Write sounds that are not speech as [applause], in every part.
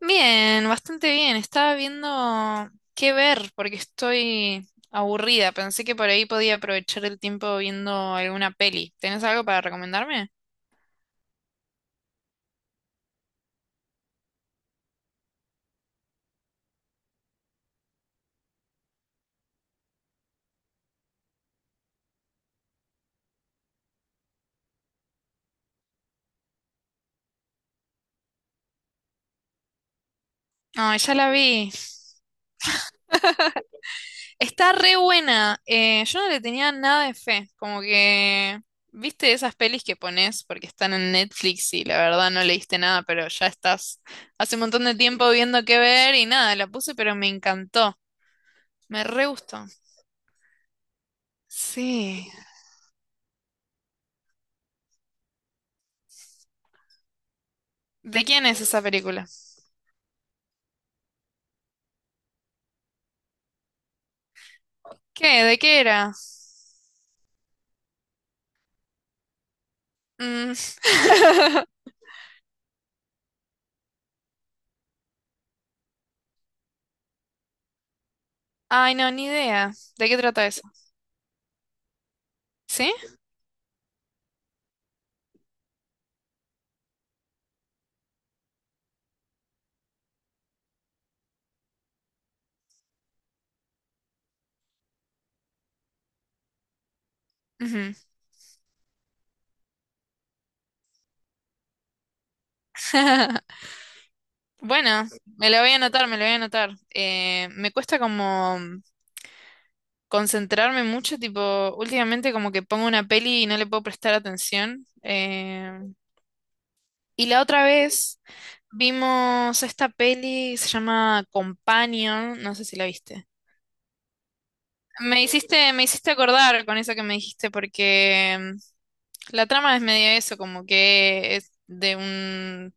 Bien, bastante bien. Estaba viendo qué ver porque estoy aburrida. Pensé que por ahí podía aprovechar el tiempo viendo alguna peli. ¿Tenés algo para recomendarme? No, ya la vi. Está re buena. Yo no le tenía nada de fe. Como que, viste esas pelis que pones porque están en Netflix y la verdad no leíste nada, pero ya estás hace un montón de tiempo viendo qué ver y nada, la puse, pero me encantó. Me re gustó. Sí. ¿De quién es esa película? ¿Qué? ¿De qué era? Mm, ay, no, ni idea. ¿De qué trata eso? ¿Sí? Ujú. [laughs] Bueno, me lo voy a anotar. Me cuesta como concentrarme mucho, tipo, últimamente como que pongo una peli y no le puedo prestar atención. Y la otra vez vimos esta peli, se llama Companion, no sé si la viste. Me hiciste acordar con eso que me dijiste, porque la trama es medio eso, como que es de un...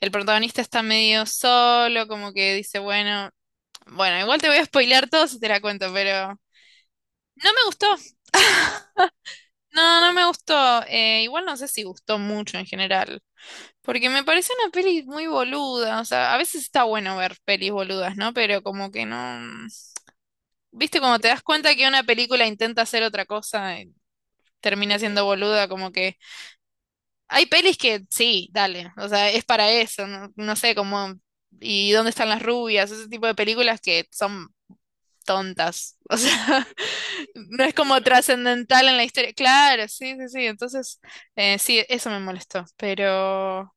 El protagonista está medio solo, como que dice, bueno, igual te voy a spoilear todo si te la cuento, pero no me gustó. [laughs] No, no me gustó. Igual no sé si gustó mucho en general, porque me pareció una peli muy boluda. O sea, a veces está bueno ver pelis boludas, ¿no? Pero como que no... Viste, como te das cuenta que una película intenta hacer otra cosa y termina siendo boluda, como que... Hay pelis que sí, dale, o sea, es para eso, no, no sé cómo, y dónde están las rubias, ese tipo de películas que son tontas, o sea, [laughs] no es como trascendental en la historia. Claro, sí, sí, sí, entonces, sí, eso me molestó, pero...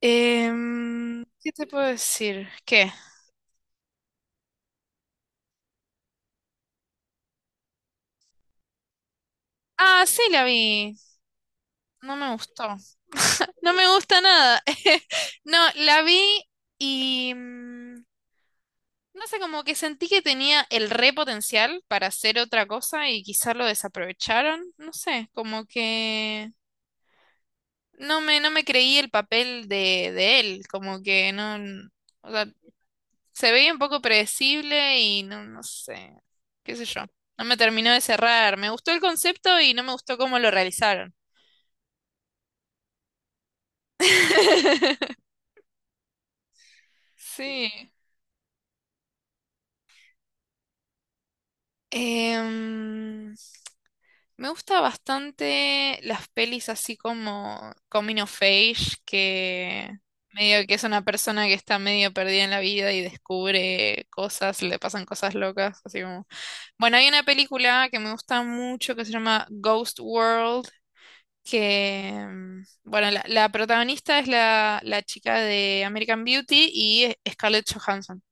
¿qué te puedo decir? ¿Qué? Ah, sí, la vi, no me gustó, no me gusta nada, [laughs] no, la vi y... mm, no sé, como que sentí que tenía el re potencial para hacer otra cosa y quizá lo desaprovecharon. No sé, como que no me creí el papel de él, como que no, o sea, se veía un poco predecible y no, no sé, qué sé yo. No me terminó de cerrar. Me gustó el concepto y no me gustó cómo lo realizaron. [laughs] Sí. Em, me gusta bastante las pelis así como Coming of Age, que medio que es una persona que está medio perdida en la vida y descubre cosas, le pasan cosas locas, así como... Bueno, hay una película que me gusta mucho que se llama Ghost World, que, mm, bueno, la protagonista es la chica de American Beauty y Scarlett Johansson.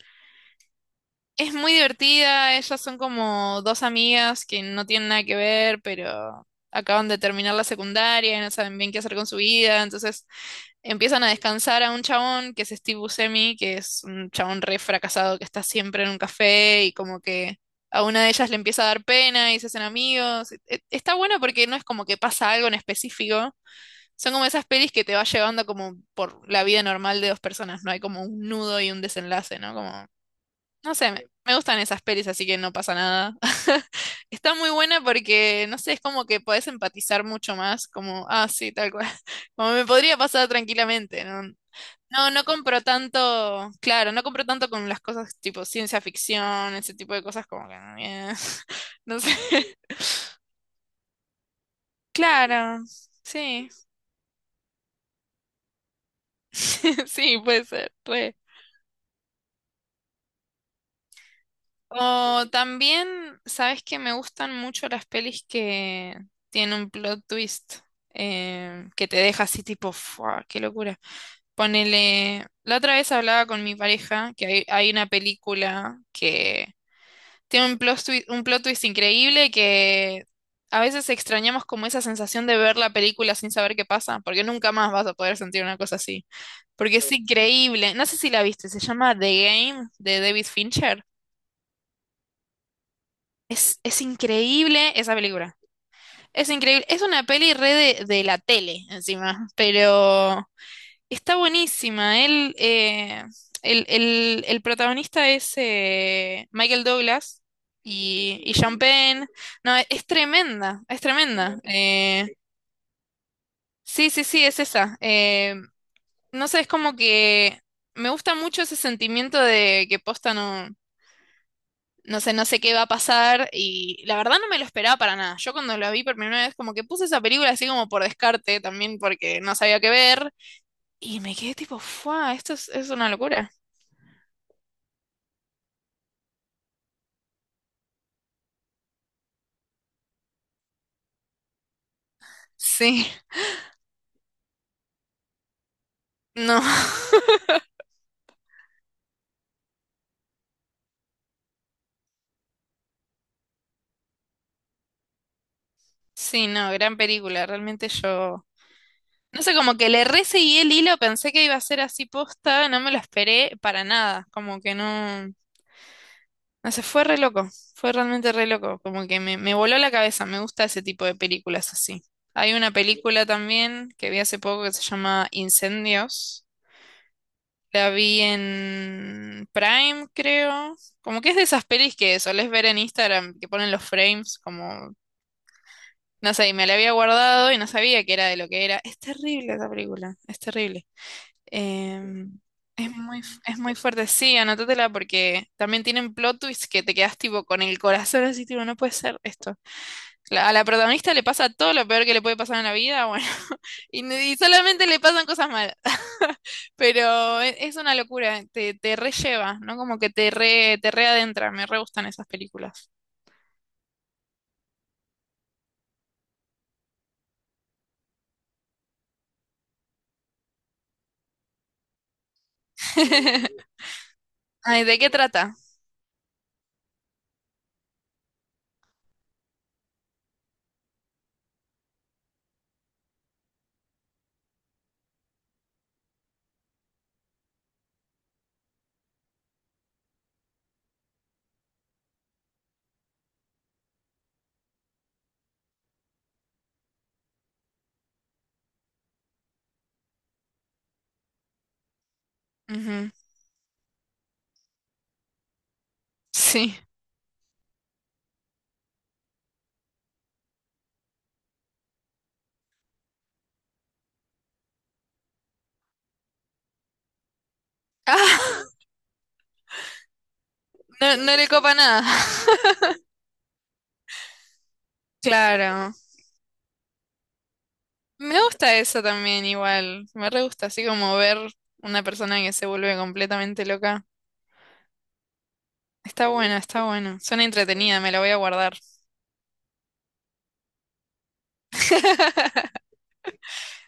Es muy divertida, ellas son como dos amigas que no tienen nada que ver, pero acaban de terminar la secundaria y no saben bien qué hacer con su vida, entonces empiezan a descansar a un chabón que es Steve Buscemi, que es un chabón re fracasado que está siempre en un café y como que a una de ellas le empieza a dar pena y se hacen amigos. Está bueno porque no es como que pasa algo en específico, son como esas pelis que te va llevando como por la vida normal de dos personas, no hay como un nudo y un desenlace, ¿no? Como no sé, me gustan esas pelis, así que no pasa nada. [laughs] Está muy buena porque, no sé, es como que podés empatizar mucho más, como, ah, sí, tal cual. [laughs] Como me podría pasar tranquilamente, ¿no? No, no compro tanto, claro, no compro tanto con las cosas tipo ciencia ficción, ese tipo de cosas como que, [laughs] no sé. [laughs] Claro, sí, [laughs] sí, puede ser, re. O también, sabes que me gustan mucho las pelis que tienen un plot twist que te deja así tipo, ¡fua! ¡Qué locura! Ponele, la otra vez hablaba con mi pareja que hay una película que tiene un plot twist increíble que a veces extrañamos como esa sensación de ver la película sin saber qué pasa, porque nunca más vas a poder sentir una cosa así. Porque es sí. Increíble. No sé si la viste, se llama The Game de David Fincher. Es increíble esa película. Es increíble. Es una peli re de la tele, encima. Pero está buenísima. El protagonista es Michael Douglas y Sean Penn. No, es tremenda. Es tremenda. Sí, sí, sí, es esa. No sé, es como que me gusta mucho ese sentimiento de que posta no. No sé, no sé qué va a pasar y la verdad no me lo esperaba para nada. Yo cuando la vi por primera vez como que puse esa película así como por descarte también porque no sabía qué ver y me quedé tipo, ¡fua! Esto es una locura. Sí, no, [laughs] sí, no, gran película. Realmente yo, no sé, como que le re seguí el hilo, pensé que iba a ser así posta, no me lo esperé para nada, como que no. No sé, fue re loco, fue realmente re loco, como que me voló la cabeza, me gusta ese tipo de películas así. Hay una película también que vi hace poco que se llama Incendios, la vi en Prime, creo, como que es de esas pelis que solés ver en Instagram, que ponen los frames, como, no sé, y me la había guardado y no sabía que era de lo que era. Es terrible esa película, es terrible. Em, es muy fuerte, sí, anótatela porque también tienen plot twists que te quedas tipo con el corazón así, tipo, no puede ser esto. A la protagonista le pasa todo lo peor que le puede pasar en la vida, bueno, [laughs] y, ni- y solamente le pasan cosas malas. [laughs] Pero es, una locura, te relleva, ¿no? Como que te re, te readentra, me re gustan esas películas. [laughs] Ay, ¿de qué trata? Ujú, sí. Ah, [laughs] no, no le copa nada. [laughs] Claro. Me gusta eso también igual, me re gusta así como ver una persona que se vuelve completamente loca. Está bueno, está bueno. Suena entretenida, me la voy a guardar.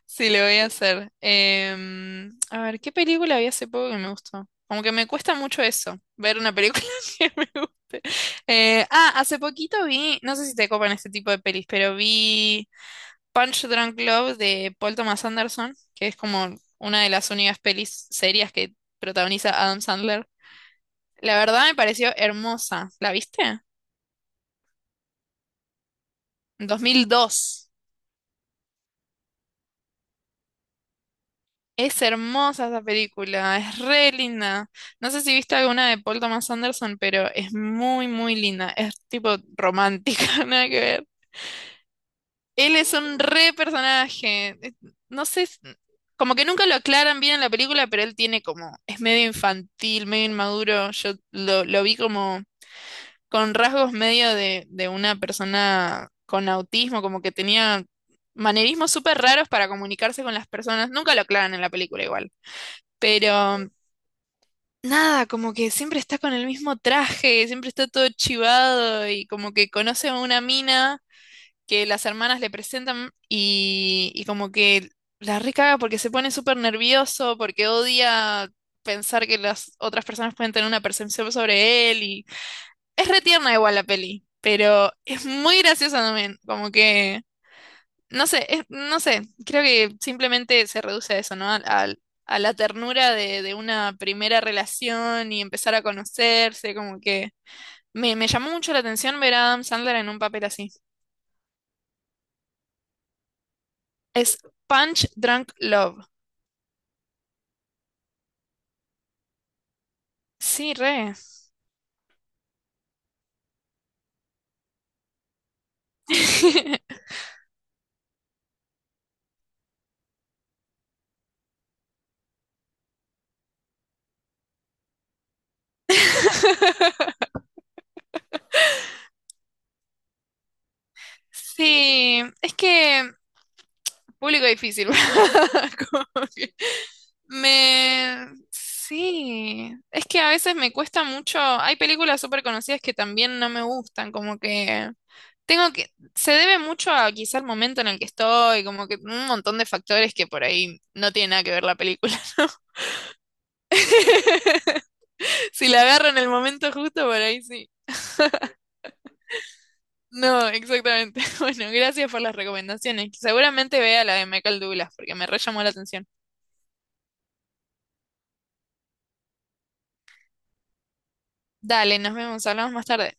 Sí, lo voy a hacer. Em, a ver, ¿qué película vi hace poco que me gustó? Como que me cuesta mucho eso, ver una película [laughs] que me guste. Hace poquito vi, no sé si te copan este tipo de pelis, pero vi Punch Drunk Love de Paul Thomas Anderson, que es como una de las únicas pelis serias que protagoniza Adam Sandler. La verdad me pareció hermosa. ¿La viste? 2002. Es hermosa esa película, es re linda. No sé si viste alguna de Paul Thomas Anderson, pero es muy, muy linda. Es tipo romántica, [laughs] nada que ver. Él es un re personaje. No sé, como que nunca lo aclaran bien en la película, pero él tiene como, es medio infantil, medio inmaduro. Lo vi como con rasgos medio de una persona con autismo, como que tenía manerismos súper raros para comunicarse con las personas. Nunca lo aclaran en la película igual. Pero nada, como que siempre está con el mismo traje, siempre está todo chivado y como que conoce a una mina que las hermanas le presentan y como que la recaga porque se pone súper nervioso, porque odia pensar que las otras personas pueden tener una percepción sobre él y es re tierna igual la peli, pero es muy graciosa también, como que, no sé, no sé, creo que simplemente se reduce a eso, ¿no? A, la ternura de una primera relación y empezar a conocerse, como que me llamó mucho la atención ver a Adam Sandler en un papel así. Es Punch Drunk Love. Sí, re. [laughs] Sí, es que público difícil. [laughs] Como que me... Sí, es que a veces me cuesta mucho. Hay películas súper conocidas que también no me gustan, como que tengo que... Se debe mucho a quizá el momento en el que estoy, como que un montón de factores que por ahí no tiene nada que ver la película, [laughs] ¿no? [laughs] Si la agarro en el momento justo, por ahí sí. No, exactamente. [laughs] Bueno, gracias por las recomendaciones. Seguramente vea la de Michael Douglas, porque me re llamó la atención. Dale, nos vemos, hablamos más tarde.